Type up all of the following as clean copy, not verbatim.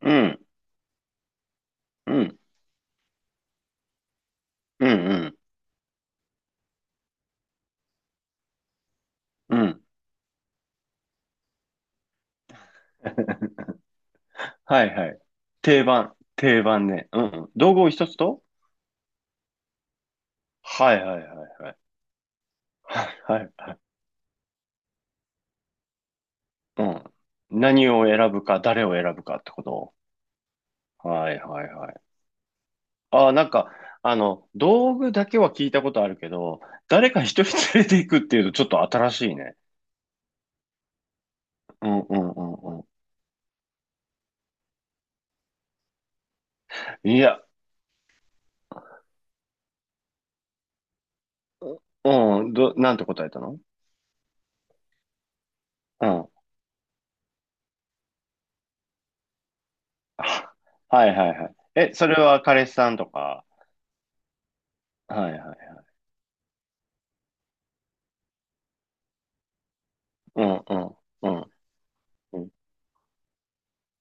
うん、うん、うん、うん、うん。はいはい。定番、定番ね。うん。道具を一つとはいはいはいはい。はいはい。うん。何を選ぶか、誰を選ぶかってこと。はいはいはい。ああ、なんか、道具だけは聞いたことあるけど、誰か一人連れていくっていうとちょっと新しいね。うんうんうんうん。いや、うん、なんて答えたの？うん。あはいはいはい。え、それは彼氏さんとか。はいはい。うんうんうん。うん、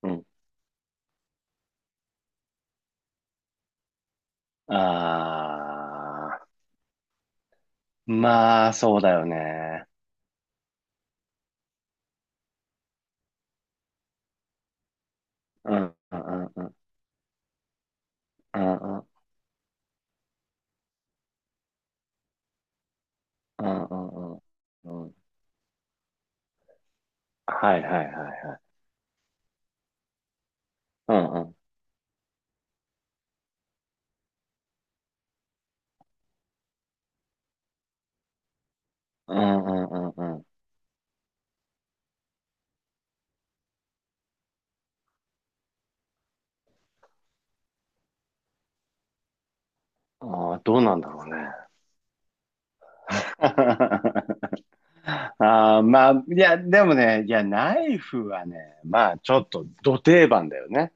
うん。ああ、まあ、そうだよね。うん、うん、うん、うん、うん、うん、うん、うん。うんはい、はい、はいはい。うん、うん、うん、うん、うん。うんああ、どうなんだろうね。ああ、まあ、いや、でもね、いや、ナイフはね、まあ、ちょっと、ど定番だよね。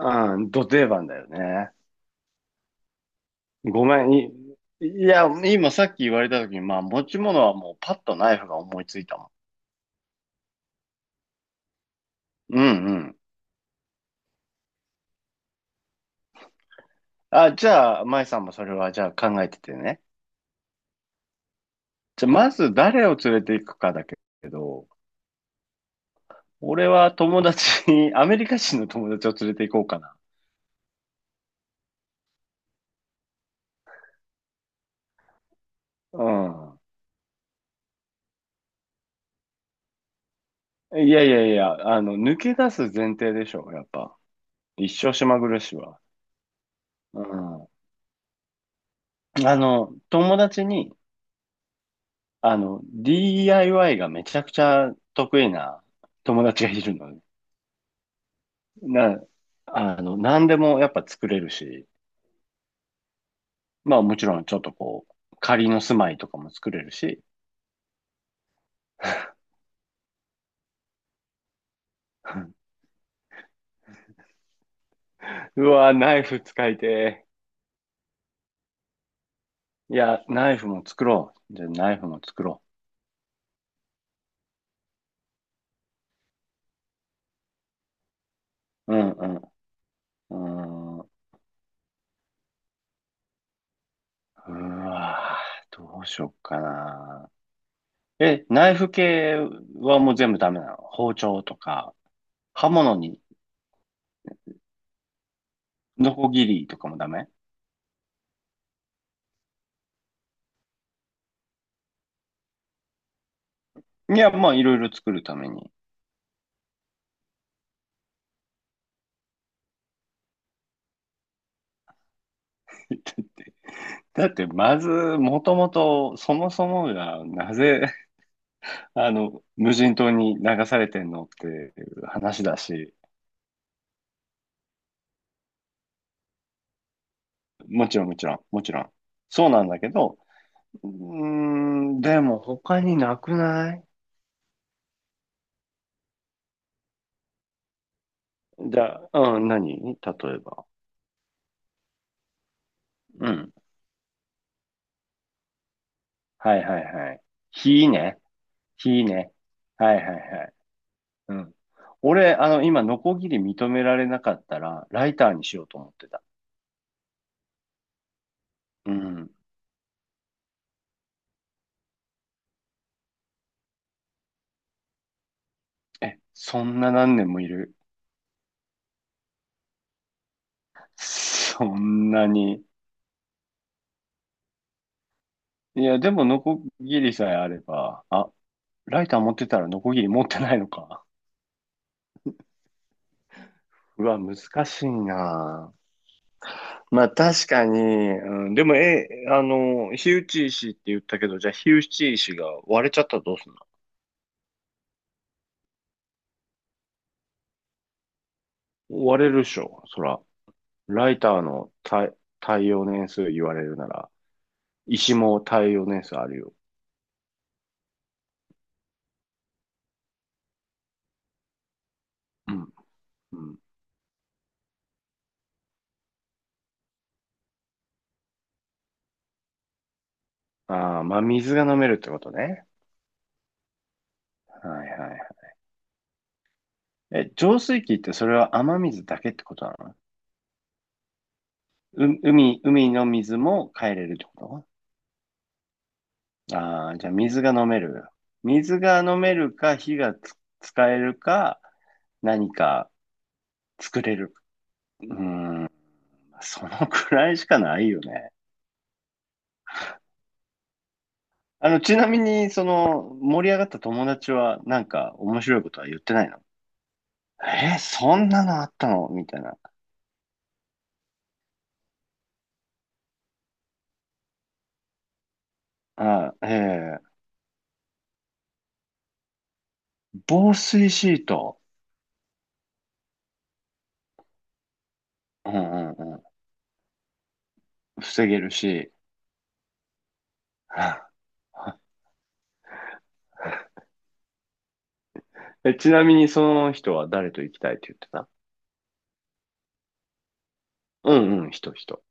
あうん、ど定番だよね。ごめん、いや、今さっき言われた時に、まあ、持ち物はもうパッとナイフが思いついたもん。うん、うん。あ、じゃあ、舞さんもそれはじゃあ考えててね。じゃあ、まず誰を連れていくかだけど、俺は友達、アメリカ人の友達を連れて行こうかな。うん。いやいやいや、抜け出す前提でしょ、やっぱ。一生島暮らしは。うん。友達に、DIY がめちゃくちゃ得意な友達がいるのね。な、あの、何でもやっぱ作れるし、まあもちろんちょっとこう、仮の住まいとかも作れるし、うわ、ナイフ使いてーいや、ナイフも作ろう。じゃあ、ナイフも作ろう。うんうん。うーん。うわー、どうしよっかな。え、ナイフ系はもう全部ダメなの？包丁とか、刃物に、ノコギリとかもダメ？いや、まあ、いろいろ作るために。だって、まず、もともと、そもそもが、なぜ、無人島に流されてんのっていう話だし、もちろん、もちろん、もちろん。そうなんだけど、うーでも他になくない？じゃあ、うん、例えば。うん。はいはいはい。火ね。火ね。はいはいはい。うん。俺、今、ノコギリ認められなかったら、ライターにしようと思ってた。うん。え、そんな何年もいる？そんなに。いや、でも、ノコギリさえあれば、あ、ライター持ってたらノコギリ持ってないのか。うわ、難しいな。まあ確かに、うん、でも、え、あの、火打ち石って言ったけど、じゃあ火打ち石が割れちゃったらどうすんの？割れるっしょ、そら。ライターの耐用年数言われるなら、石も耐用年数あるよ。うん。うん。ああ、まあ水が飲めるってことね。はいはいはい。え、浄水器ってそれは雨水だけってことなの？海の水も変えれるってこと？ああ、じゃあ水が飲める。水が飲めるか、火がつ使えるか、何か作れる。うーん、そのくらいしかないよね。ちなみに、その、盛り上がった友達は、面白いことは言ってないの？そんなのあったのみたいな。あええ防水シート。うんうんうん。防げるし。え、ちなみに、その人は誰と行きたいって言ってた？うんうん、人、人。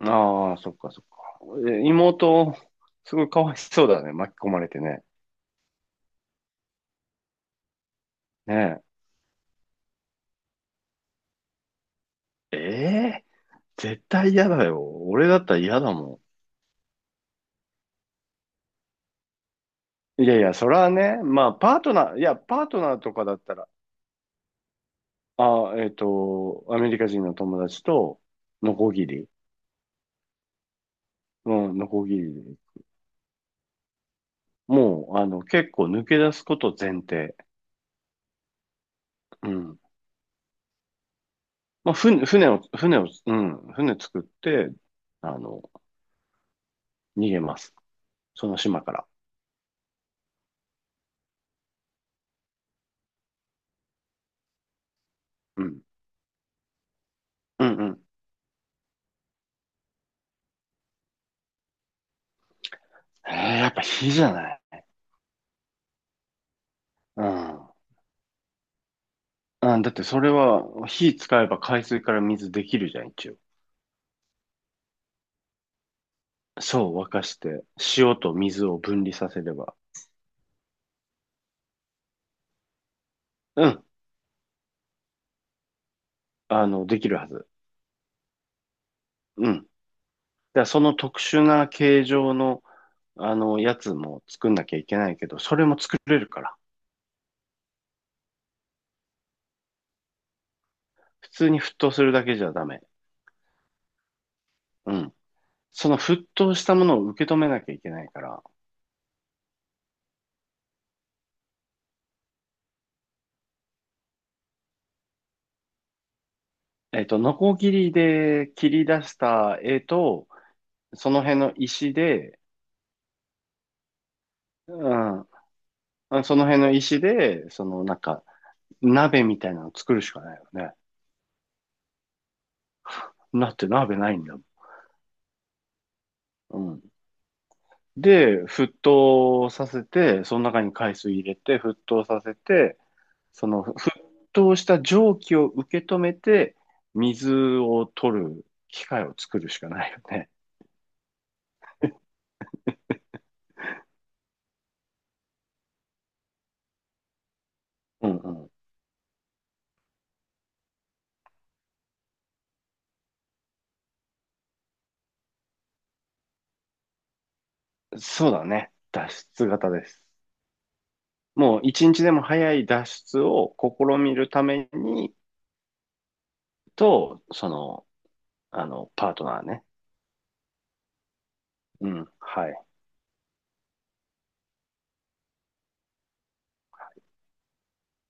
ああ、そっかそっか。え妹、すごいかわいそうだね。巻き込まれてね。ねえ。ええ絶対嫌だよ。俺だったら嫌だもん。いやいや、それはね、まあ、パートナー、いや、パートナーとかだったら、ああ、アメリカ人の友達と、ノコギリ。うん、ノコギリで。もう、結構抜け出すこと前提。うん。まあ、船、船を、船を、うん、船作って、あの、逃げます。その島から。うん。うんうん。やっぱ火じゃない。うん。うん、だってそれは火使えば海水から水できるじゃん、一応。そう、沸かして、塩と水を分離させれば。うん。できるはず。うん。で、その特殊な形状の、やつも作んなきゃいけないけど、それも作れるから。普通に沸騰するだけじゃダメ。うん。その沸騰したものを受け止めなきゃいけないから、ノコギリで切り出した絵と、その辺の石で、うん、あその辺の石で、そのなんか、鍋みたいなの作るしかないよね。だって鍋ないんだもん。うん。で、沸騰させて、その中に海水入れて、沸騰させて、その沸騰した蒸気を受け止めて、水を取る機械を作るしかないよね。うんうん。そうだね。脱出型です。もう一日でも早い脱出を試みるためにと、パートナーね。うん。はい。